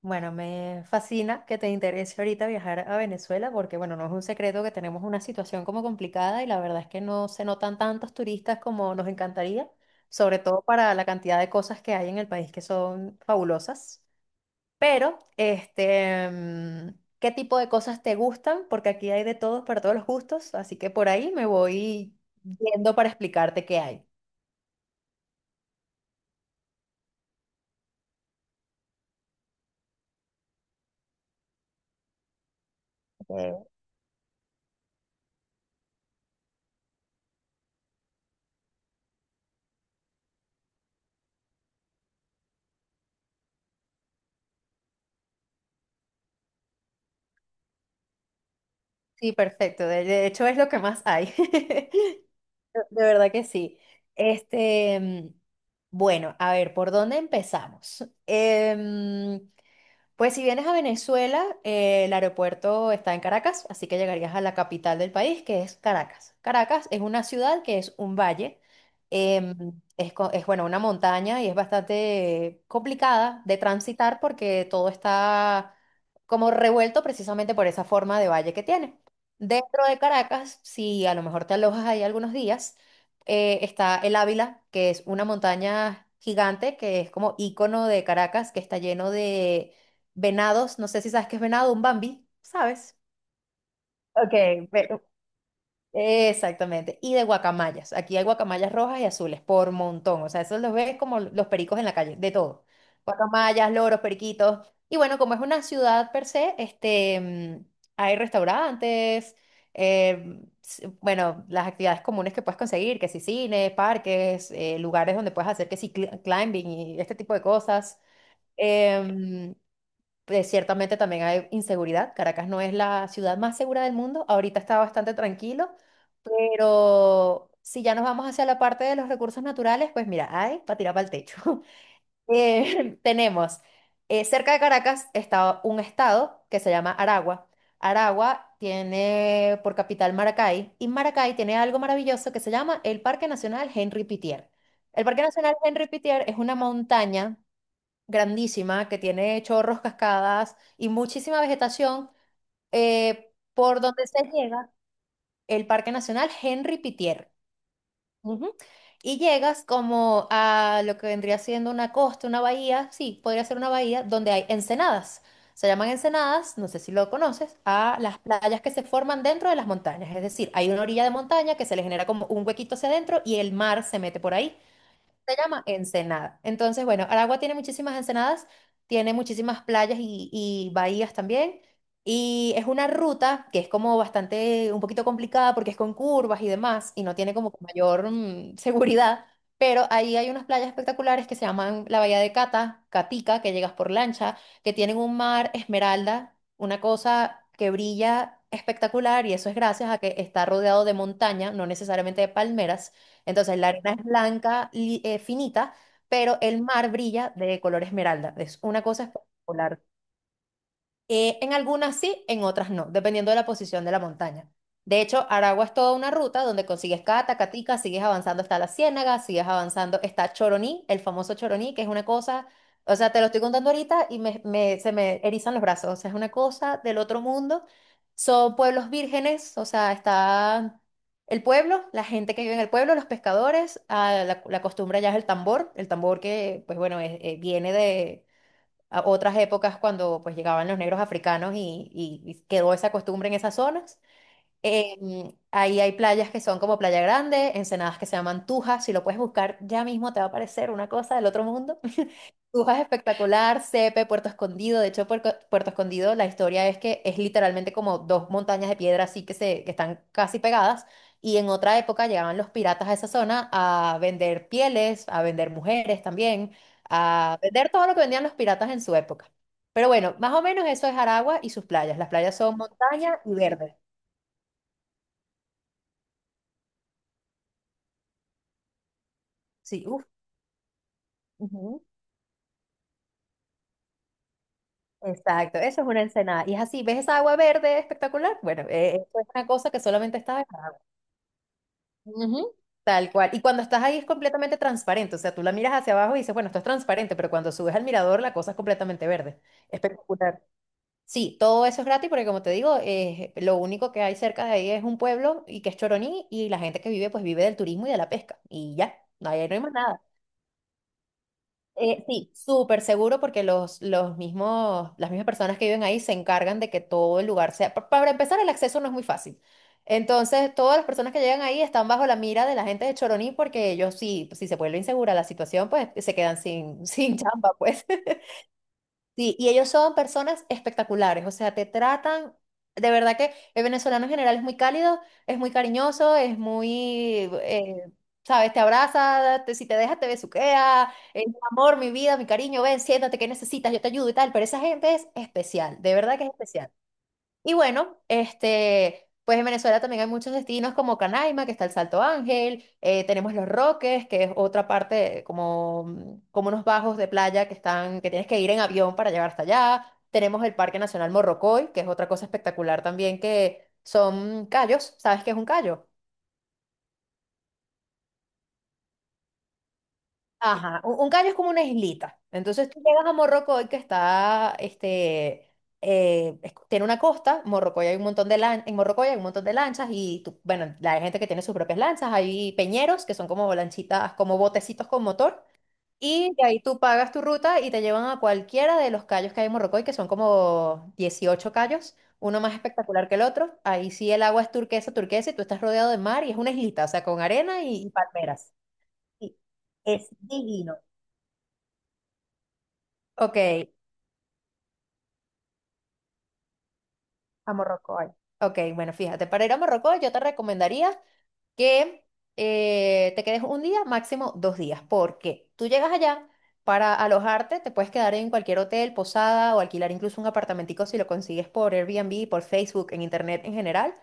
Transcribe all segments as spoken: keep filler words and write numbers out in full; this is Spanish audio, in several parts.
Bueno, me fascina que te interese ahorita viajar a Venezuela porque, bueno, no es un secreto que tenemos una situación como complicada y la verdad es que no se notan tantos turistas como nos encantaría, sobre todo para la cantidad de cosas que hay en el país que son fabulosas. Pero, este, mm, ¿qué tipo de cosas te gustan? Porque aquí hay de todos para todos los gustos, así que por ahí me voy yendo para explicarte qué hay. Sí, perfecto. De de hecho, es lo que más hay. De de verdad que sí. Este, mm, bueno, a ver, ¿por dónde empezamos? Em, pues si vienes a Venezuela, eh, el aeropuerto está en Caracas, así que llegarías a la capital del país, que es Caracas. Caracas es una ciudad que es un valle, em, es, co- es bueno, una montaña y es bastante complicada de transitar porque todo está como revuelto precisamente por esa forma de valle que tiene. Dentro de Caracas, si a lo mejor te alojas ahí algunos días, eh, está el Ávila, que es una montaña gigante que es como ícono de Caracas, que está lleno de venados, no sé si sabes qué es venado, un bambi, ¿sabes? Ok, pero exactamente, y de guacamayas. Aquí hay guacamayas rojas y azules por montón, o sea, esos los ves como los pericos en la calle, de todo. Guacamayas, loros, periquitos. Y bueno, como es una ciudad per se, este, mm, hay restaurantes, eh, s- bueno, las actividades comunes que puedes conseguir, que si cine, parques, eh, lugares donde puedes hacer que si cli- climbing y este tipo de cosas. Em, pues, ciertamente también hay inseguridad. Caracas no es la ciudad más segura del mundo. Ahorita está bastante tranquilo, pero si ya nos vamos hacia la parte de los recursos naturales, pues mira, hay para tirar para el techo. Eh, tenemos, eh, Cerca de Caracas está un estado que se llama Aragua. Aragua tiene por capital Maracay y Maracay tiene algo maravilloso que se llama el Parque Nacional Henry Pittier. El Parque Nacional Henry Pittier es una montaña grandísima que tiene chorros, cascadas y muchísima vegetación, eh, por donde se llega el Parque Nacional Henry Pittier. Ujú. Y llegas como a lo que vendría siendo una costa, una bahía, sí, podría ser una bahía, donde hay ensenadas. Se llaman ensenadas, no sé si lo conoces, a las playas que se forman dentro de las montañas. Es decir, hay una orilla de montaña que se le genera como un huequito hacia adentro y el mar se mete por ahí. Se llama Ensenada. Entonces, bueno, Aragua tiene muchísimas ensenadas, tiene muchísimas playas y, y bahías también. Y es una ruta que es como bastante, un poquito complicada porque es con curvas y demás y no tiene como mayor mm, seguridad. Pero ahí hay unas playas espectaculares que se llaman la Bahía de Cata, Catica, que llegas por lancha, que tienen un mar esmeralda, una cosa que brilla espectacular y eso es gracias a que está rodeado de montaña, no necesariamente de palmeras. Entonces, la arena es blanca, li- eh, finita, pero el mar brilla de color esmeralda. Es una cosa espectacular. Eh, en algunas sí, en otras no, dependiendo de la posición de la montaña. De hecho, Aragua es toda una ruta donde consigues Cata, Catica, sigues avanzando hasta la Ciénaga, sigues avanzando, está Choroní, el famoso Choroní, que es una cosa, o sea, te lo estoy contando ahorita y me, me- se me erizan los brazos, o sea, es una cosa del otro mundo. Son pueblos vírgenes, o sea, está el pueblo, la gente que vive en el pueblo, los pescadores, ah, la, la costumbre allá es el tambor, el tambor que, pues bueno, es- eh, viene de a otras épocas cuando pues llegaban los negros africanos y, y- y quedó esa costumbre en esas zonas. Eh, mm, ahí hay playas que son como Playa Grande, ensenadas que se llaman Tujas, si lo puedes buscar ya mismo te va a parecer una cosa del otro mundo. Brujas espectacular, Cepe, Puerto Escondido. De hecho, Puerco- Puerto Escondido, la historia es que es literalmente como dos montañas de piedra así que, se, que están casi pegadas. Y en otra época llegaban los piratas a esa zona a vender pieles, a vender mujeres también, a vender todo lo que vendían los piratas en su época. Pero bueno, más o menos eso es Aragua y sus playas. Las playas son montaña y verde. Sí, uff. Ujú. Exacto, eso es una ensenada. Y es así, ¿ves esa agua verde espectacular? Bueno, eh, eso es una cosa que solamente está en Aragua. Ujú. Tal cual. Y cuando estás ahí es completamente transparente. O sea, tú la miras hacia abajo y dices, bueno, esto es transparente, pero cuando subes al mirador la cosa es completamente verde. Espectacular. Sí, todo eso es gratis porque como te digo, eh, lo único que hay cerca de ahí es un pueblo y que es Choroní y la gente que vive pues vive del turismo y de la pesca. Y ya, no hay, no hay más nada. Eh, sí, súper seguro porque los, los mismos, las mismas personas que viven ahí se encargan de que todo el lugar sea... pa- Para empezar, el acceso no es muy fácil. Entonces, todas las personas que llegan ahí están bajo la mira de la gente de Choroní porque ellos sí, si se vuelve insegura la situación, pues se quedan sin, sin chamba, pues. Sí, y ellos son personas espectaculares, o sea, te tratan, de verdad que el venezolano en general es muy cálido, es muy cariñoso, es muy, eh, sabes, te abraza, te- si te dejas te besuquea, es mi amor, mi vida, mi cariño, ven, siéntate, ¿qué necesitas? Yo te ayudo y tal, pero esa gente es especial, de verdad que es especial. Y bueno, este, pues en Venezuela también hay muchos destinos como Canaima, que está el Salto Ángel, eh, tenemos Los Roques, que es otra parte como, mm, como unos bajos de playa que están, que tienes que ir en avión para llegar hasta allá. Tenemos el Parque Nacional Morrocoy, que es otra cosa espectacular también, que son callos. ¿Sabes qué es un callo? Ajá, un, un caño es como una islita. Entonces tú llegas a Morrocoy, que está, este, eh, es- tiene una costa, Morrocoy hay un montón de lan- en Morrocoy hay un montón de lanchas y tú- bueno, hay gente que tiene sus propias lanchas, hay peñeros que son como lanchitas, como botecitos con motor. Y de ahí tú pagas tu ruta y te llevan a cualquiera de los cayos que hay en Morrocoy, que son como dieciocho cayos, uno más espectacular que el otro. Ahí sí el agua es turquesa, turquesa y tú estás rodeado de mar y es una islita, o sea, con arena y y palmeras. Sí, es divino. Ok, a Morrocoy. Ok, bueno, fíjate, para ir a Morrocoy yo te recomendaría que eh, te quedes un día, máximo dos días, porque tú llegas allá para alojarte, te puedes quedar en cualquier hotel, posada o alquilar incluso un apartamentico si lo consigues por Airbnb, por Facebook, en internet en general.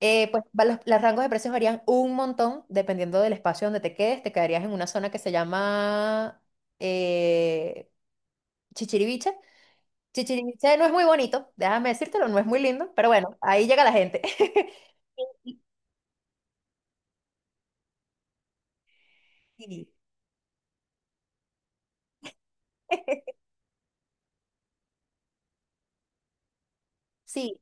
Eh, pues va- los, los rangos de precios varían un montón dependiendo del espacio donde te quedes. Te quedarías en una zona que se llama eh, Chichiriviche. Chichén Itzá no es muy bonito, déjame decírtelo, no es muy lindo, pero bueno, ahí llega la gente. Sí, sí,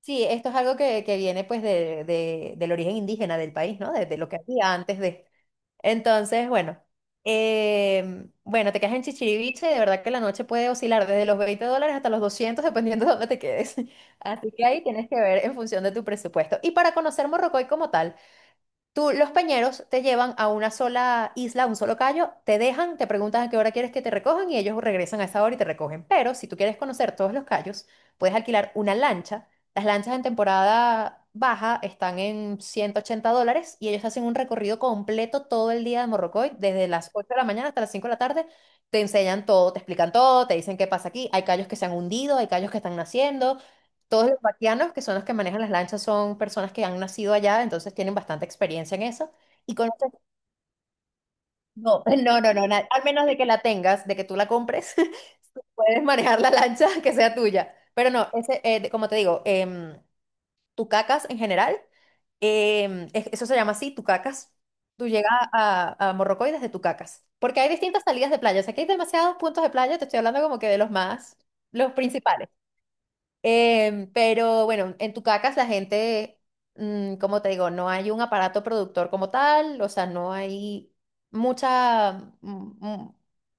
sí, esto es algo que, que viene pues de, de- del origen indígena del país, ¿no? De, de lo que había antes de... Entonces, bueno, em, bueno, te quedas en Chichiriviche, de verdad que la noche puede oscilar desde los veinte dólares hasta los doscientos dependiendo de dónde te quedes. Así que ahí tienes que ver en función de tu presupuesto. Y para conocer Morrocoy como tal, Tú, los peñeros te llevan a una sola isla, a un solo callo, te dejan, te preguntan a qué hora quieres que te recojan y ellos regresan a esa hora y te recogen. Pero si tú quieres conocer todos los callos, puedes alquilar una lancha. Las lanchas en temporada baja están en ciento ochenta dólares y ellos hacen un recorrido completo todo el día de Morrocoy, desde las ocho de la mañana hasta las cinco de la tarde. Te enseñan todo, te explican todo, te dicen qué pasa aquí. Hay callos que se han hundido, hay callos que están naciendo, todos los vaquianos, que son los que manejan las lanchas, son personas que han nacido allá, entonces tienen bastante experiencia en eso. Y conocen, no, no, no, no, na- al menos de que la tengas, de que tú la compres, tú puedes manejar la lancha que sea tuya. Pero no, ese, eh, de- como te digo, em, Tucacas en general, em, es- eso se llama así, Tucacas. Tú llegas a, a Morrocoy desde tucacas, porque hay distintas salidas de playa, o sea, que hay demasiados puntos de playa, te estoy hablando como que de los más, los principales. Em, pero bueno, en Tucacas la gente, mm, como te digo, no hay un aparato productor como tal, o sea, no hay mucha, mm,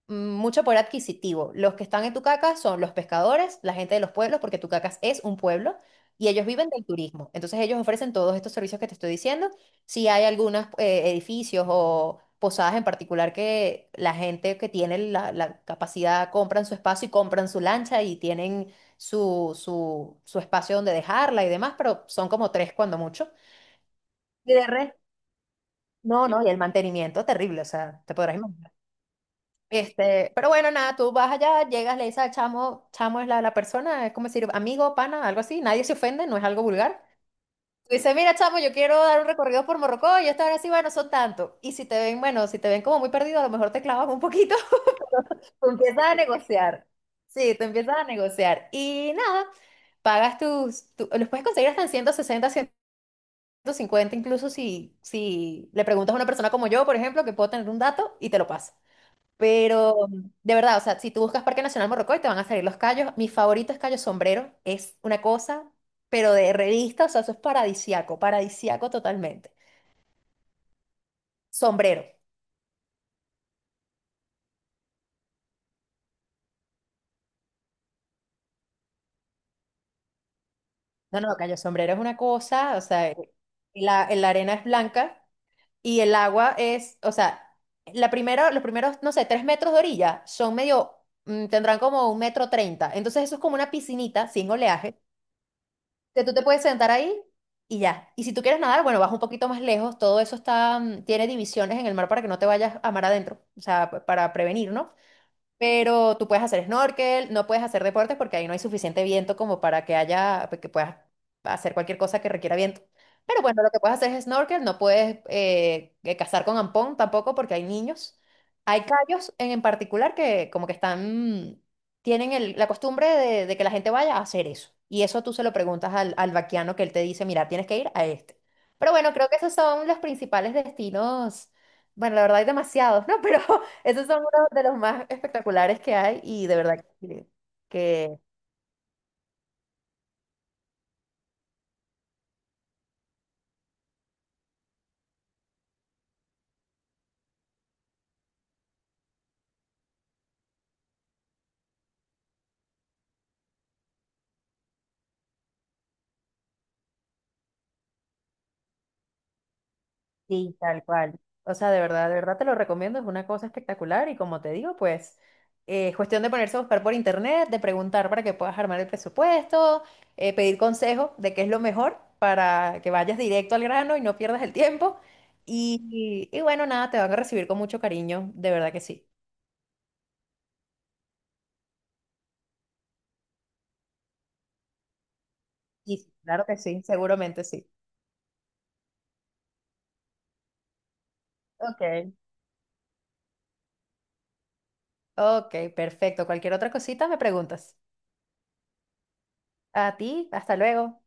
mm, mucho poder adquisitivo. Los que están en Tucacas son los pescadores, la gente de los pueblos, porque Tucacas es un pueblo, y ellos viven del turismo. Entonces ellos ofrecen todos estos servicios que te estoy diciendo. Si hay algunos edificios o posadas en particular que la gente que tiene la, la capacidad compran su espacio y compran su lancha y tienen su, su, su espacio donde dejarla y demás, pero son como tres cuando mucho. Y de resto, no, no, y el mantenimiento terrible, o sea, te podrás imaginar. Este, pero bueno, nada, tú vas allá, llegas, le dices al chamo, chamo es la, la persona, es como decir amigo, pana, algo así, nadie se ofende, no es algo vulgar. Tú dices, mira, chamo, yo quiero dar un recorrido por Morrocoy, y esta hora sí, bueno, son tanto. Y si te ven, bueno, si te ven como muy perdido, a lo mejor te clavas un poquito. Tú empiezas a negociar. Sí, tú empiezas a negociar. Y nada, pagas tus, tu- los puedes conseguir hasta en ciento sesenta, ciento cincuenta incluso si, si le preguntas a una persona como yo, por ejemplo, que puedo tener un dato y te lo pasa. Pero de verdad, o sea, si tú buscas Parque Nacional Morrocoy, te van a salir los callos. Mi favorito es Cayo Sombrero, es una cosa, pero de revista, o sea, eso es paradisiaco, paradisiaco totalmente. Sombrero. No, no, Cayo Sombrero es una cosa, o sea, eh, la, la arena es blanca y el agua es, o sea, la primera, los primeros, no sé, tres metros de orilla son medio, mm, tendrán como un metro treinta. Entonces eso es como una piscinita sin oleaje, que tú te puedes sentar ahí y ya. Y si tú quieres nadar, bueno, vas un poquito más lejos. Todo eso está, mm, tiene divisiones en el mar para que no te vayas a mar adentro, o sea, pa- para prevenir, ¿no? Pero tú puedes hacer snorkel, no puedes hacer deportes porque ahí no hay suficiente viento como para que haya, que puedas hacer cualquier cosa que requiera viento. Pero bueno, lo que puedes hacer es snorkel, no puedes eh, eh, cazar con ampón tampoco porque hay niños. Hay callos en, en particular que como que están, tienen el- la costumbre de, de que la gente vaya a hacer eso. Y eso tú se lo preguntas al, al vaquiano que él te dice, mira, tienes que ir a este. Pero bueno, creo que esos son los principales destinos. Bueno, la verdad hay demasiados, ¿no? Pero esos son uno de los más espectaculares que hay y de verdad que, que sí, tal cual. O sea, de verdad, de verdad te lo recomiendo, es una cosa espectacular y como te digo, pues eh, es cuestión de ponerse a buscar por internet, de preguntar para que puedas armar el presupuesto, eh, pedir consejo de qué es lo mejor para que vayas directo al grano y no pierdas el tiempo. Y, y bueno, nada, te van a recibir con mucho cariño, de verdad que sí. Y sí, claro que sí, seguramente sí. Ok. Ok, perfecto. Cualquier otra cosita me preguntas. A ti, hasta luego.